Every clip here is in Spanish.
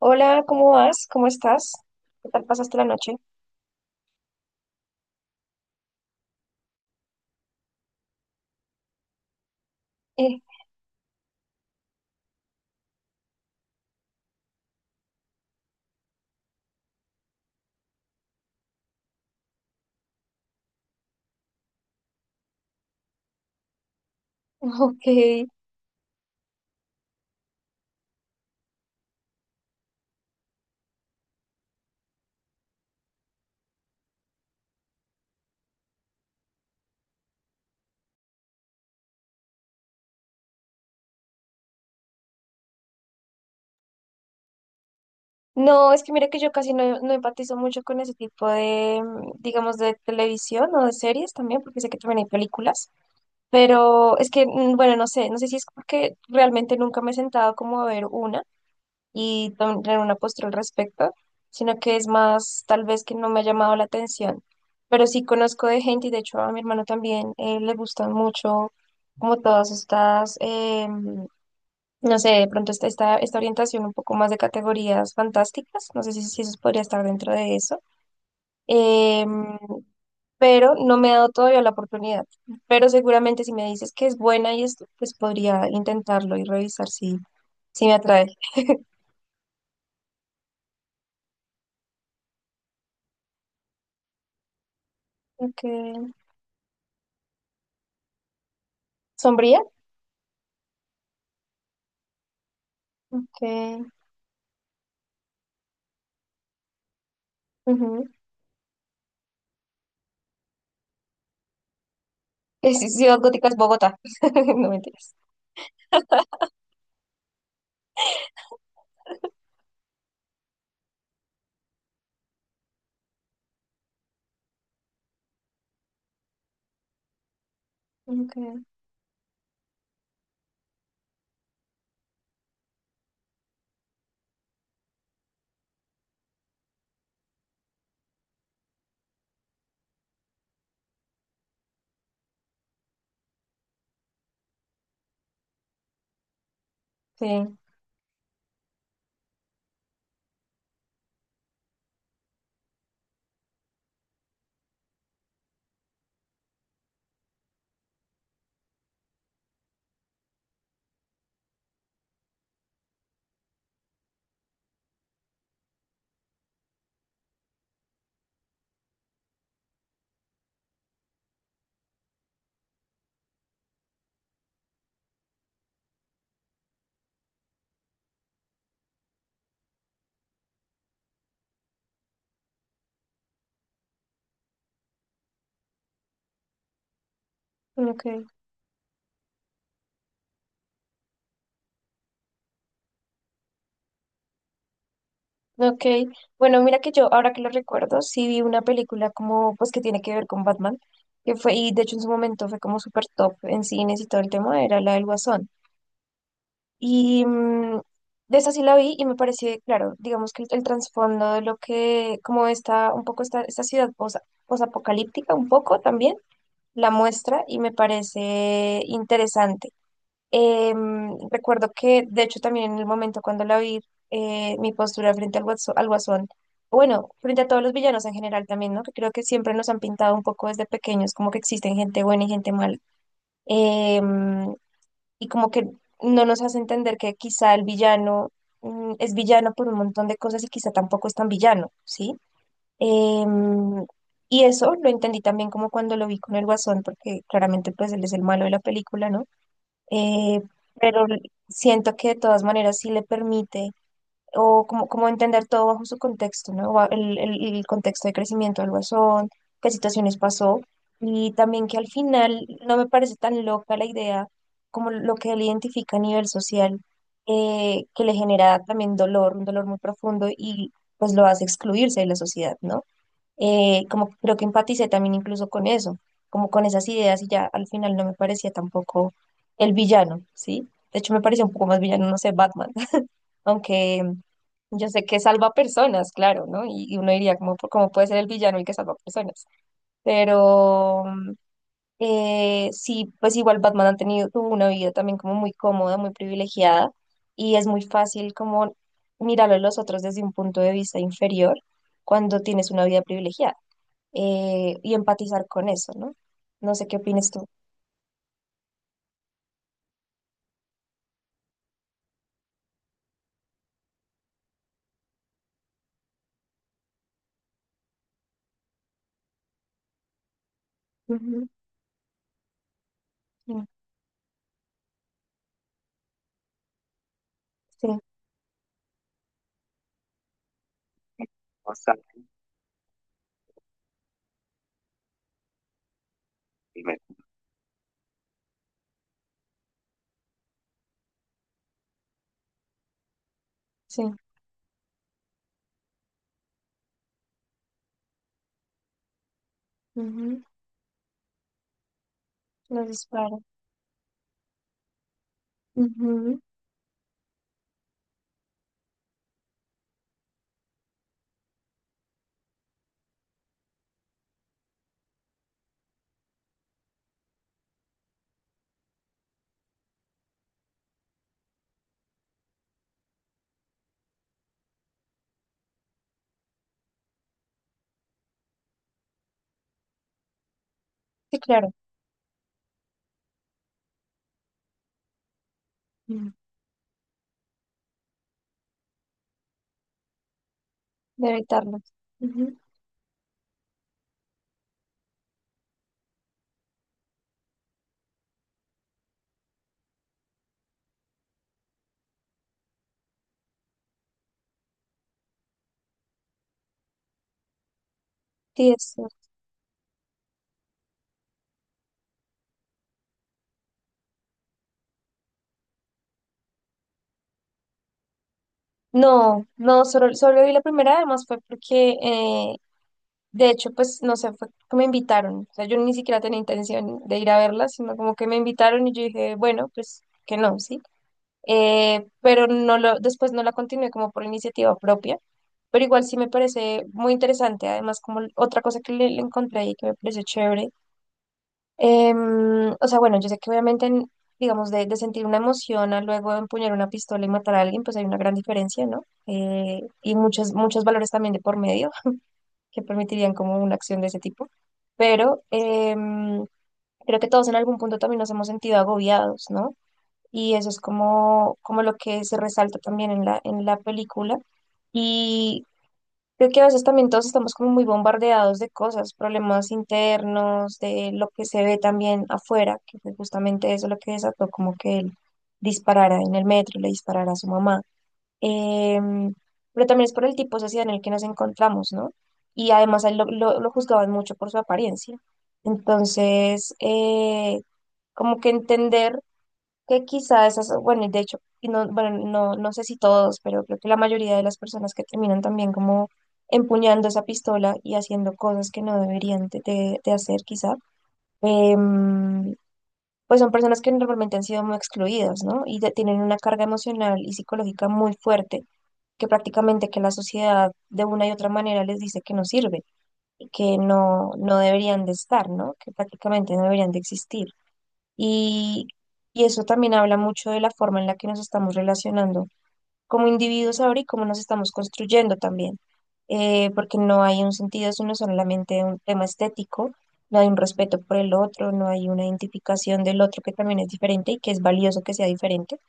Hola, ¿cómo vas? ¿Cómo estás? ¿Qué tal pasaste la noche? Eh, ok. No, es que mira que yo casi no, empatizo mucho con ese tipo de, digamos, de televisión o de series también, porque sé que también hay películas, pero es que, bueno, no sé, no sé si es porque realmente nunca me he sentado como a ver una y tener una postura al respecto, sino que es más tal vez que no me ha llamado la atención, pero sí conozco de gente y de hecho a mi hermano también le gustan mucho como todas estas. No sé, de pronto está esta orientación un poco más de categorías fantásticas, no sé si eso podría estar dentro de eso. Em, pero no me ha dado todavía la oportunidad. Pero seguramente si me dices que es buena y esto, pues podría intentarlo y revisar si me atrae. Okay. ¿Sombría? Okay. Ujú. Es Ciudad Gótica, es Bogotá, no mentiras. Okay. Sí, ok. Ok, bueno, mira que yo, ahora que lo recuerdo, sí vi una película como, pues que tiene que ver con Batman, que fue, y de hecho en su momento fue como súper top en cines y todo el tema, era la del Guasón. Y de esa sí la vi y me pareció, claro, digamos que el trasfondo de lo que, como está un poco esta ciudad posapocalíptica, un poco también, la muestra y me parece interesante. Recuerdo que, de hecho, también en el momento cuando la vi, mi postura frente al al guasón, bueno, frente a todos los villanos en general también, ¿no? Que creo que siempre nos han pintado un poco desde pequeños, como que existen gente buena y gente mala. Em, y como que no nos hace entender que quizá el villano, es villano por un montón de cosas y quizá tampoco es tan villano, ¿sí? Em, y eso lo entendí también como cuando lo vi con el guasón, porque claramente pues él es el malo de la película, ¿no? eh, pero siento que de todas maneras sí le permite o como entender todo bajo su contexto, ¿no? El, el contexto de crecimiento del guasón, qué situaciones pasó y también que al final no me parece tan loca la idea como lo que él identifica a nivel social, que le genera también dolor, un dolor muy profundo y pues lo hace excluirse de la sociedad, ¿no? Como que creo que empaticé también incluso con eso, como con esas ideas y ya al final no me parecía tampoco el villano, ¿sí? De hecho me parecía un poco más villano, no sé, Batman, aunque yo sé que salva personas, claro, ¿no? Y uno diría, ¿cómo, cómo puede ser el villano el que salva personas? Pero sí, pues igual Batman ha tuvo una vida también como muy cómoda, muy privilegiada y es muy fácil como mirarlo a los otros desde un punto de vista inferior cuando tienes una vida privilegiada y empatizar con eso, ¿no? No sé qué opinas tú. Ujú, ujú, sí, sí, ujú. Los disparos. Ujú, sí, claro, ujú, de evitarlos. Ujú, sí, eso. No, solo, solo vi la primera, además fue porque, de hecho, pues, no sé, fue que me invitaron. O sea, yo ni siquiera tenía intención de ir a verla, sino como que me invitaron y yo dije, bueno, pues, que no, ¿sí? Pero no lo, después no la continué como por iniciativa propia, pero igual sí me parece muy interesante, además como otra cosa que le encontré ahí que me pareció chévere, o sea, bueno, yo sé que obviamente, digamos, de sentir una emoción a luego empuñar una pistola y matar a alguien, pues hay una gran diferencia, ¿no? Y muchos valores también de por medio que permitirían como una acción de ese tipo, pero creo que todos en algún punto también nos hemos sentido agobiados, ¿no? Y eso es como, como lo que se resalta también en en la película. Y creo que a veces también todos estamos como muy bombardeados de cosas, problemas internos, de lo que se ve también afuera, que fue justamente eso lo que desató como que él disparara en el metro, le disparara a su mamá. Em, pero también es por el tipo de sociedad en el que nos encontramos, ¿no? Y además a él lo juzgaban mucho por su apariencia. Entonces, como que entender que quizá esas, bueno, y de hecho, y no, bueno, no, no sé si todos, pero creo que la mayoría de las personas que terminan también como empuñando esa pistola y haciendo cosas que no deberían de hacer quizá, em, pues son personas que normalmente han sido muy excluidas, ¿no? Y tienen una carga emocional y psicológica muy fuerte, que prácticamente que la sociedad de una y otra manera les dice que no sirve y que no, no deberían de estar, ¿no? Que prácticamente no deberían de existir. Y, y eso también habla mucho de la forma en la que nos estamos relacionando como individuos ahora y cómo nos estamos construyendo también. Porque no hay un sentido, es uno solamente un tema estético, no hay un respeto por el otro, no hay una identificación del otro que también es diferente y que es valioso que sea diferente.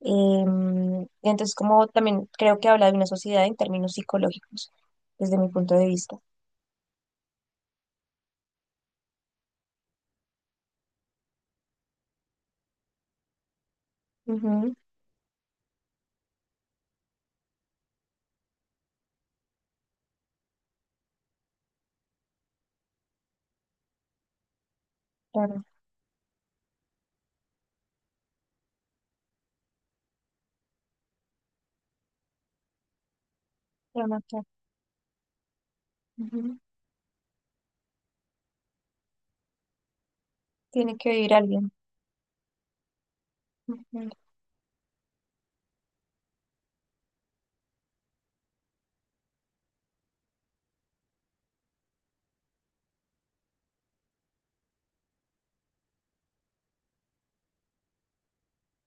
Y entonces, como también creo que habla de una sociedad en términos psicológicos, desde mi punto de vista. Ujú, claro, claro, claro. Ujú, tiene que vivir alguien. Ujú,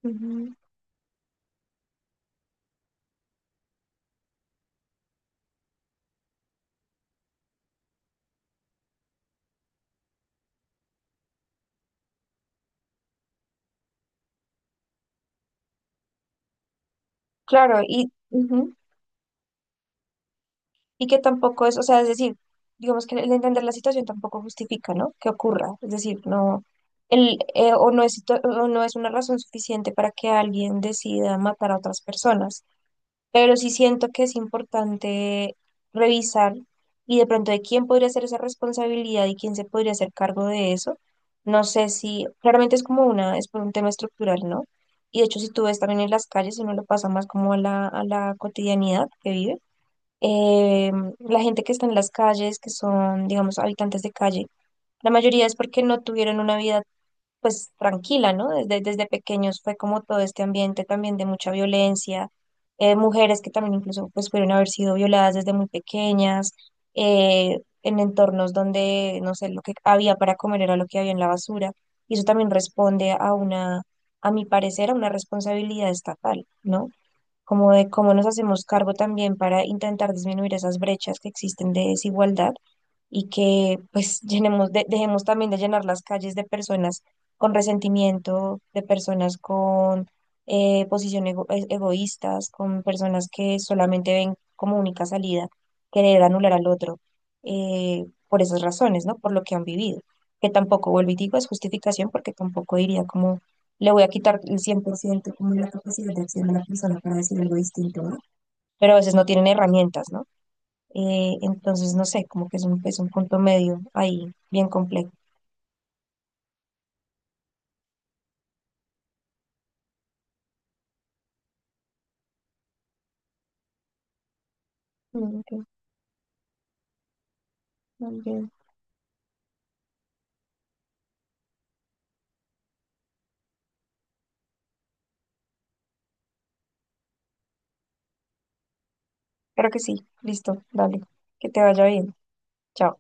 ujú. Claro, y, ujú, y que tampoco es, o sea, es decir, digamos que el entender la situación tampoco justifica, ¿no? Que ocurra, es decir, no, el, o no es, o no es una razón suficiente para que alguien decida matar a otras personas, pero sí siento que es importante revisar y de pronto de quién podría ser esa responsabilidad y quién se podría hacer cargo de eso. No sé si, claramente es como una, es por un tema estructural, ¿no? Y de hecho, si tú ves también en las calles, uno lo pasa más como a a la cotidianidad que vive eh, la gente que está en las calles, que son, digamos, habitantes de calle, la mayoría es porque no tuvieron una vida, pues, tranquila, ¿no? Desde, desde pequeños fue como todo este ambiente también de mucha violencia, mujeres que también incluso, pues, pudieron haber sido violadas desde muy pequeñas, en entornos donde, no sé, lo que había para comer era lo que había en la basura, y eso también responde a una, a mi parecer, a una responsabilidad estatal, ¿no? Como de cómo nos hacemos cargo también para intentar disminuir esas brechas que existen de desigualdad y que pues llenemos dejemos también de llenar las calles de personas con resentimiento, de personas con posiciones egoístas, con personas que solamente ven como única salida querer anular al otro por esas razones, ¿no? Por lo que han vivido, que tampoco, vuelvo y digo, es justificación porque tampoco diría como le voy a quitar el 100% como la capacidad de acción de la persona para decir algo distinto, ¿no? Pero a veces no tienen herramientas, ¿no? Entonces, no sé, como que es un punto medio ahí, bien complejo. Mm, ok, muy bien. Creo que sí, listo, dale, que te vaya bien, chao.